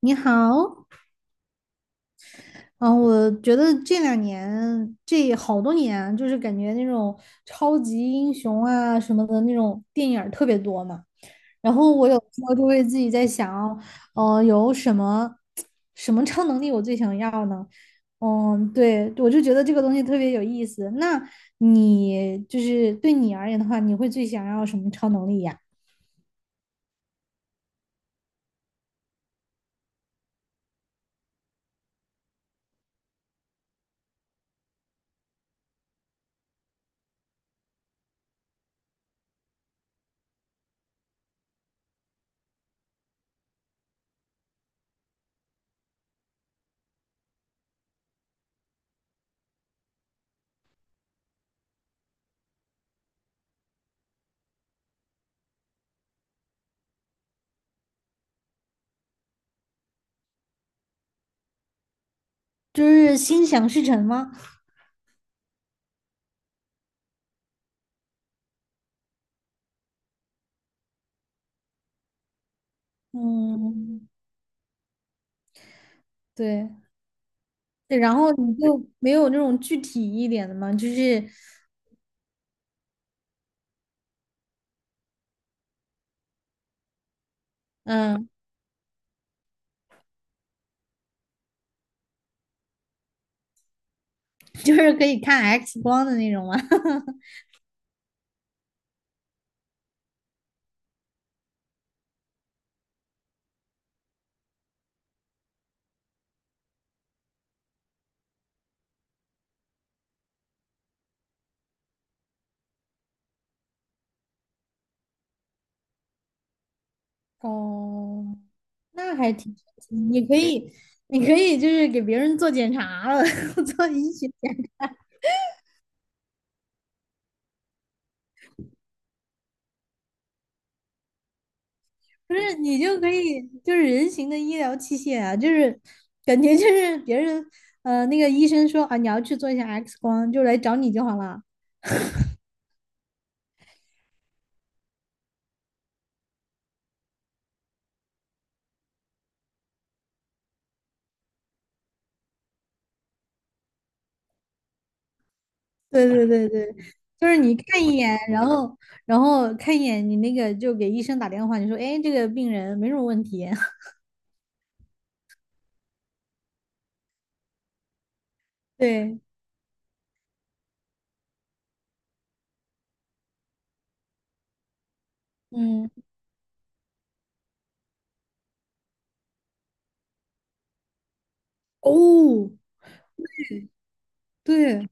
你好，嗯，我觉得这两年这好多年啊，就是感觉那种超级英雄啊什么的那种电影儿特别多嘛。然后我有时候就会自己在想，有什么超能力我最想要呢？嗯，对，我就觉得这个东西特别有意思。那你就是对你而言的话，你会最想要什么超能力呀？就是心想事成吗？嗯，对。对，然后你就没有那种具体一点的吗？就是，嗯，就是可以看 X 光的那种吗？哦，那还挺神奇你可以，你可以就是给别人做检查了，做医学检，不是你就可以就是人形的医疗器械啊，就是感觉就是别人那个医生说啊你要去做一下 X 光，就来找你就好了。对对对对，就是你看一眼，然后看一眼，你那个就给医生打电话，你说，哎，这个病人没什么问题。对，嗯，哦，对，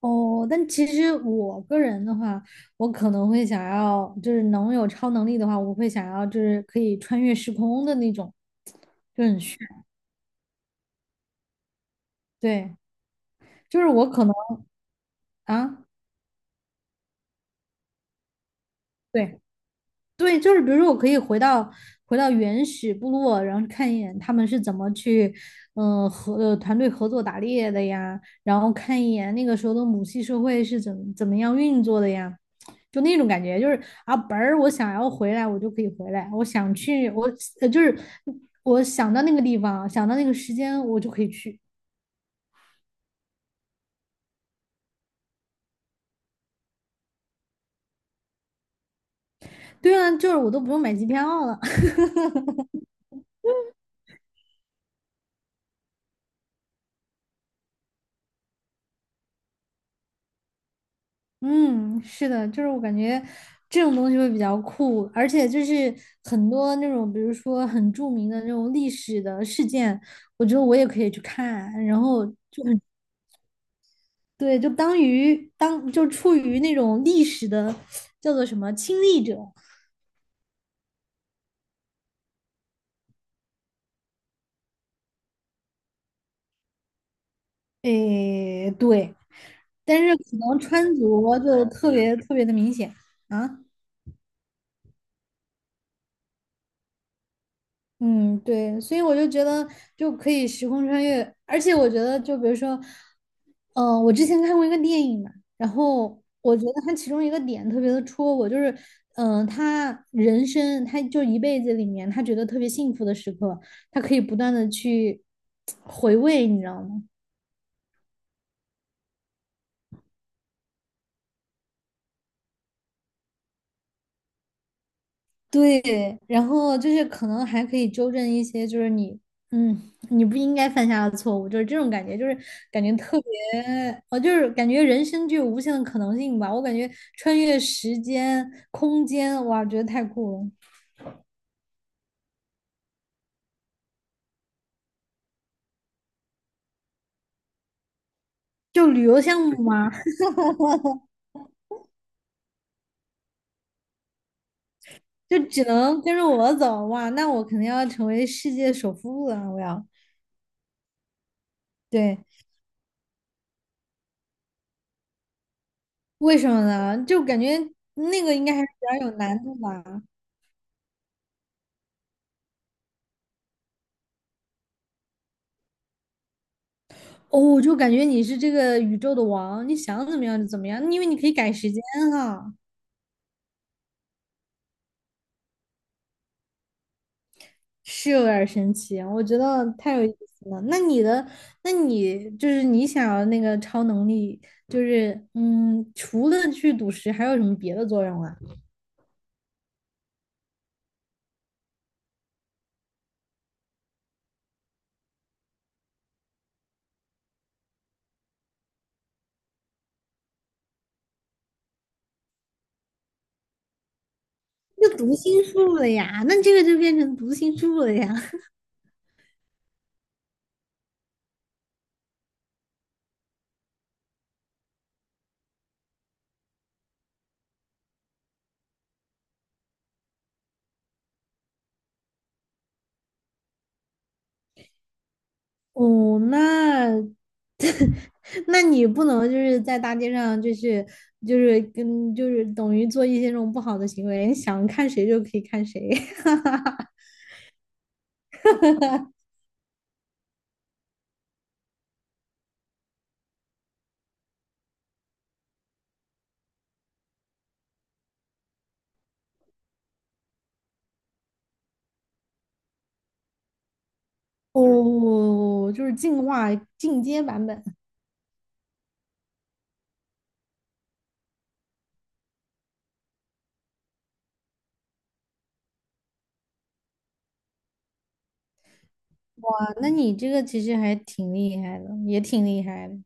哦，但其实我个人的话，我可能会想要，就是能有超能力的话，我会想要就是可以穿越时空的那种，就很炫。对，就是我可能啊，对。对，就是比如说，我可以回到原始部落，然后看一眼他们是怎么去，嗯、团队合作打猎的呀，然后看一眼那个时候的母系社会是怎么样运作的呀，就那种感觉，就是啊，本儿我想要回来，我就可以回来，我想去，我呃就是我想到那个地方，想到那个时间，我就可以去。对啊，就是我都不用买机票了，嗯，是的，就是我感觉这种东西会比较酷，而且就是很多那种，比如说很著名的那种历史的事件，我觉得我也可以去看，然后对，就处于那种历史的叫做什么亲历者，诶，对，但是可能穿着就特别特别的明显啊。嗯，对，所以我就觉得就可以时空穿越，而且我觉得就比如说，嗯、我之前看过一个电影嘛，然后我觉得它其中一个点特别的戳我，就是嗯、他人生他就一辈子里面，他觉得特别幸福的时刻，他可以不断的去回味，你知道吗？对，然后就是可能还可以纠正一些，就是你，嗯，你不应该犯下的错误，就是这种感觉，就是感觉特别，我就是感觉人生具有无限的可能性吧。我感觉穿越时间、空间，哇，觉得太酷了。就旅游项目嘛，就只能跟着我走，哇，那我肯定要成为世界首富了，我要。对，为什么呢？就感觉那个应该还是比较有难度吧。哦，我就感觉你是这个宇宙的王，你想怎么样就怎么样，因为你可以改时间哈，是有点儿神奇，我觉得太有意思了。那你的，那你就是你想要那个超能力，就是嗯，除了去赌石，还有什么别的作用啊？就读心术了呀，那这个就变成读心术了呀。哦，那那你不能就是在大街上就是就是跟就是等于做一些这种不好的行为，想看谁就可以看谁。哦，就是进阶版本。哇，那你这个其实还挺厉害的，也挺厉害的。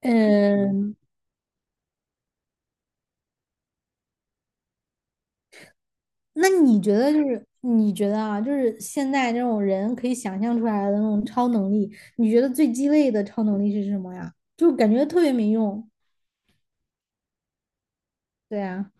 嗯，那你觉得就是你觉得啊，就是现在这种人可以想象出来的那种超能力，你觉得最鸡肋的超能力是什么呀？就感觉特别没用。对啊，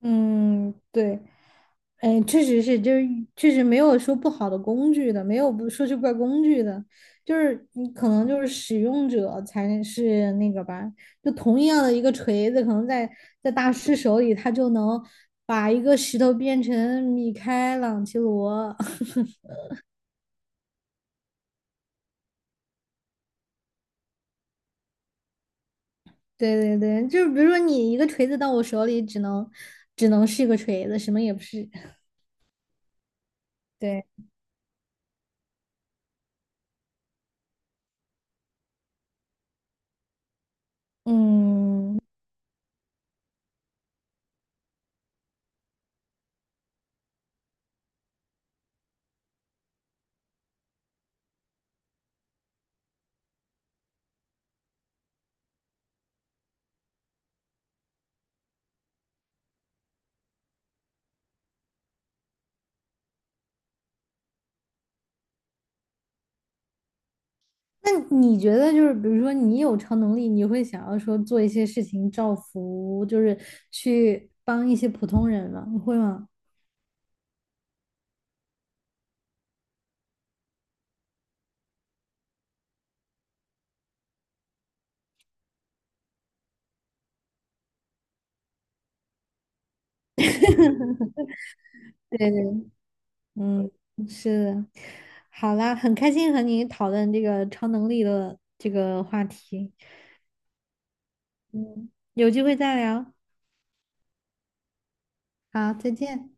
嗯，对。哎，确实是，就是确实没有说不好的工具的，没有不说是怪工具的，就是你可能就是使用者才是那个吧。就同样的一个锤子，可能在大师手里，他就能把一个石头变成米开朗基罗。对对对，就是比如说你一个锤子到我手里，只能是一个锤子，什么也不是。对，嗯。那你觉得就是，比如说你有超能力，你会想要说做一些事情造福，就是去帮一些普通人吗？你会吗？嗯，是的。好啦，很开心和你讨论这个超能力的这个话题。嗯，有机会再聊。好，再见。